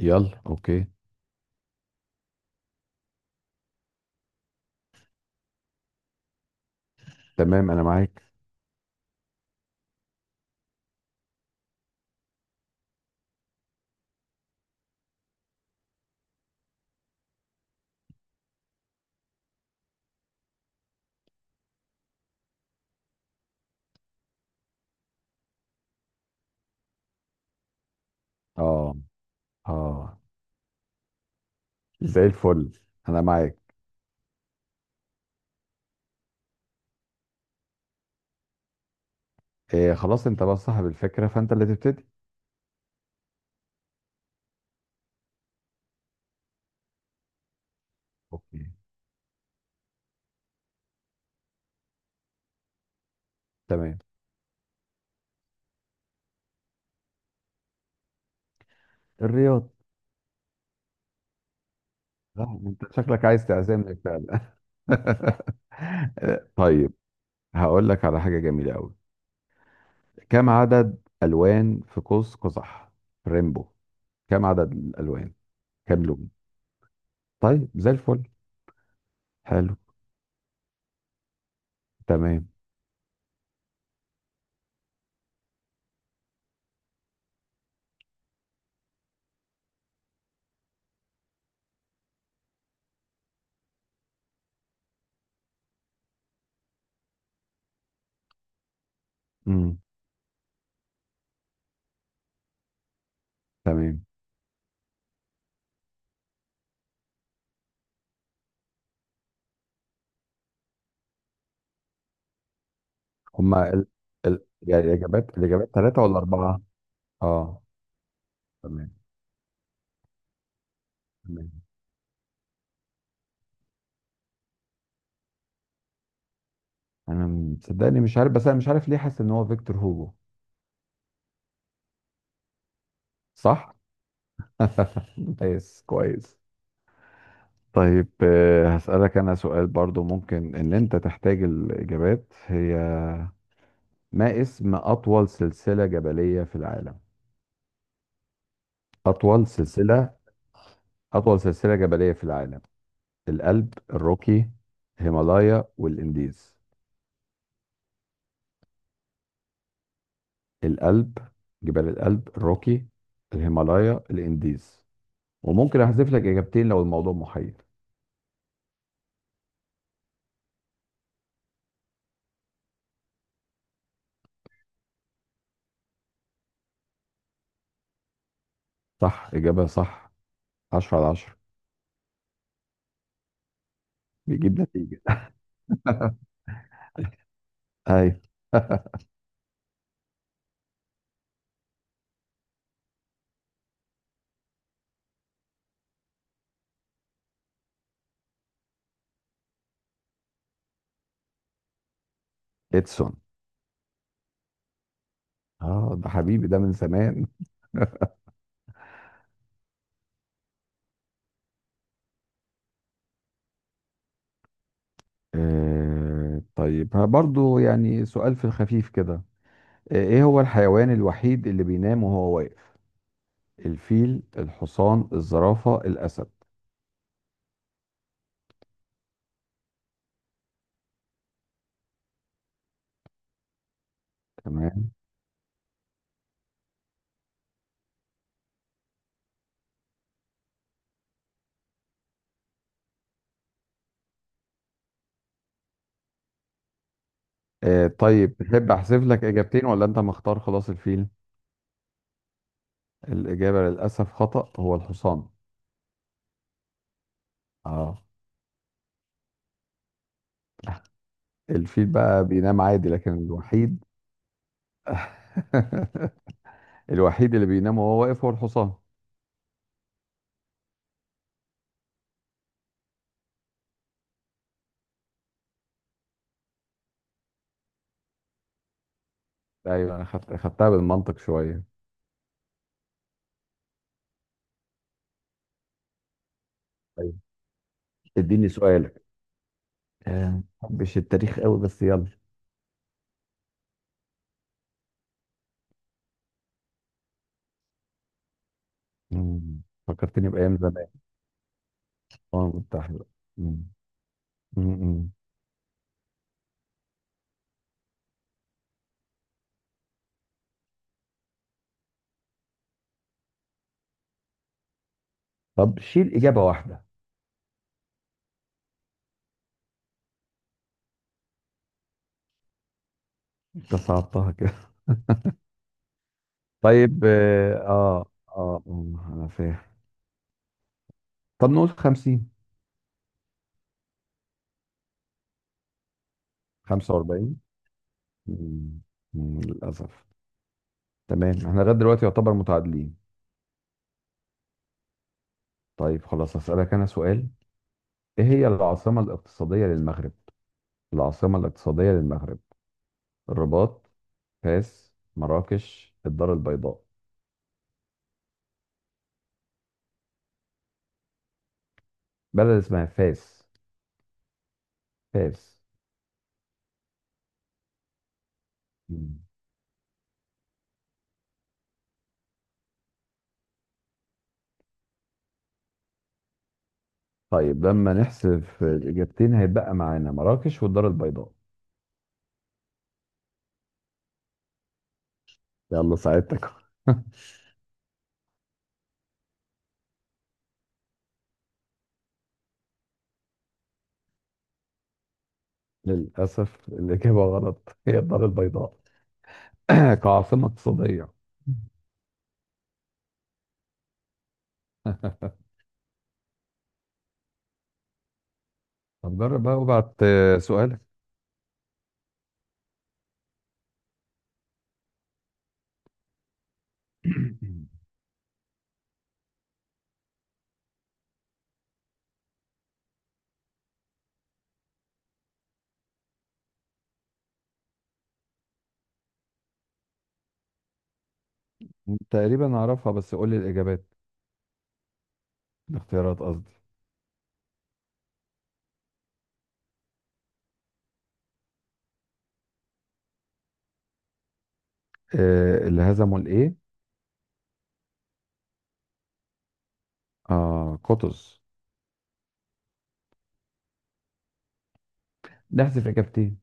يلا، اوكي. تمام، انا معاك. اه، اه. زي الفل، انا معاك. إيه خلاص، انت بقى صاحب الفكره فانت اللي تبتدي. اوكي. تمام. الرياض. لا انت شكلك عايز تعزمني فعلا. طيب، هقول لك على حاجه جميله قوي. كم عدد الوان في قوس قزح؟ ريمبو. كم عدد الالوان؟ كم لون؟ طيب، زي الفل. حلو. تمام. امم تمام. هما يعني الاجابات ثلاثه ولا اربعه؟ اه. تمام. تمام. انا مصدقني مش عارف، بس انا مش عارف ليه حاسس ان هو فيكتور هوجو. صح. كويس، كويس. طيب، هسألك انا سؤال برضو ممكن ان انت تحتاج الاجابات. هي ما اسم اطول سلسلة جبلية في العالم؟ اطول سلسلة. اطول سلسلة جبلية في العالم. الألب، الروكي، الهيمالايا، والانديز. الألب. جبال الألب، الروكي، الهيمالايا، الانديز. وممكن احذف لك اجابتين لو الموضوع محير. صح، إجابة صح. 10 على 10. بيجيب نتيجة. أيوه. إدسون. آه، ده حبيبي ده من زمان. آه طيب، ها برضو يعني سؤال في الخفيف كده. إيه هو الحيوان الوحيد اللي بينام وهو واقف؟ الفيل، الحصان، الزرافة، الأسد. تمام. آه طيب، تحب أحذف لك إجابتين ولا أنت مختار خلاص الفيل؟ الإجابة للأسف خطأ، هو الحصان. آه، الفيل بقى بينام عادي لكن الوحيد. الوحيد اللي بينام وهو واقف هو الحصان. ايوه، انا خدتها بالمنطق شويه. طيب، اديني سؤالك. آه، مش التاريخ قوي بس يلا. مم. فكرتني بايام زمان. اه، كنت احلى. مم. مم، مم. طب شيل اجابه واحده. انت صعبتها كده. طيب، اه، اه. آه، آه، انا فاهم. طب نقول 50؟ 45. مم، مم، للاسف. تمام، احنا لغايه دلوقتي يعتبر متعادلين. طيب خلاص، هسألك انا سؤال. ايه هي العاصمة الاقتصادية للمغرب؟ العاصمة الاقتصادية للمغرب. الرباط، فاس، مراكش، الدار البيضاء. بلد اسمها فاس. فاس. مم. طيب، لما نحسب الإجابتين هيتبقى معانا مراكش والدار البيضاء. يلا ساعدتك. للأسف الإجابة غلط، هي الدار البيضاء. كعاصمة اقتصادية. طب جرب بقى وابعت سؤالك. تقريبا أعرفها بس قول لي الإجابات. الاختيارات قصدي. اللي هزموا الإيه؟ آه، قطز. نحذف إجابتين.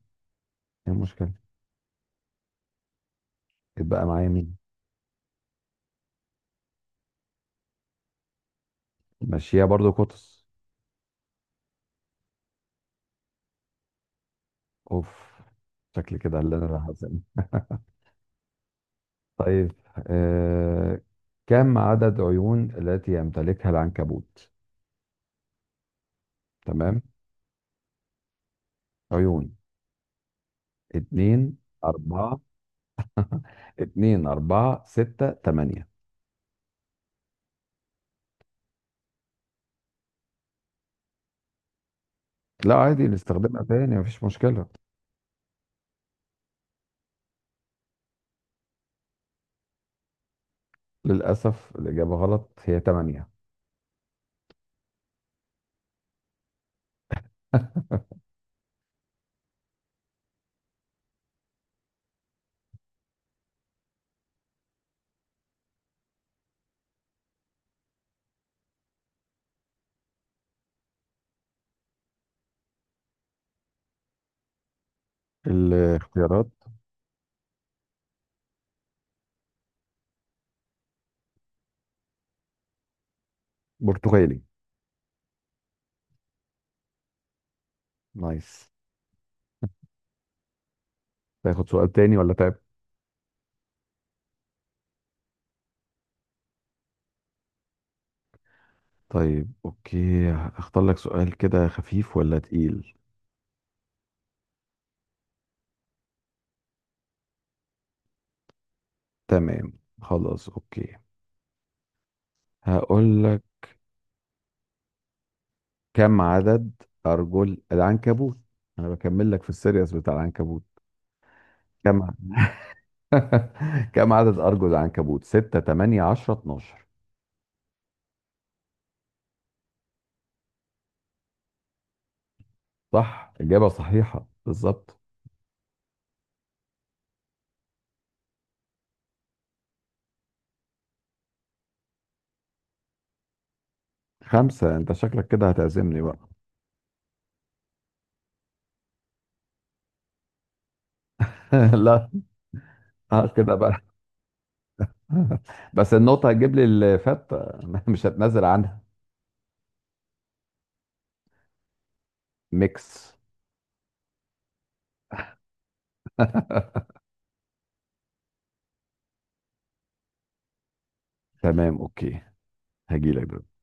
ايه المشكلة؟ يبقى معايا مين؟ ماشية برضو قطز. اوف. شكل كده اللي انا راح أزن. طيب. آه... كم عدد عيون التي يمتلكها العنكبوت؟ تمام. عيون. اتنين. أربعة. اتنين، أربعة، ستة، تمانية. لا عادي نستخدمها تاني، مفيش مشكلة. للأسف الإجابة غلط، هي تمانية. الاختيارات. برتغالي. نايس. تاخد سؤال تاني ولا تعب؟ طيب اوكي، اختار لك سؤال كده خفيف ولا تقيل. تمام. خلاص اوكي، هقول لك. كم عدد ارجل العنكبوت؟ انا بكمل لك في السيريس بتاع العنكبوت. كم ع- كم عدد ارجل العنكبوت؟ 6، 8، 10، 12. صح، اجابة صحيحة بالظبط. خمسة. انت شكلك كده هتعزمني بقى. لا. اه، كده بقى. بس النقطة هتجيب لي الفتة. مش هتنازل عنها. ميكس. تمام اوكي. هجيلك دلوقتي.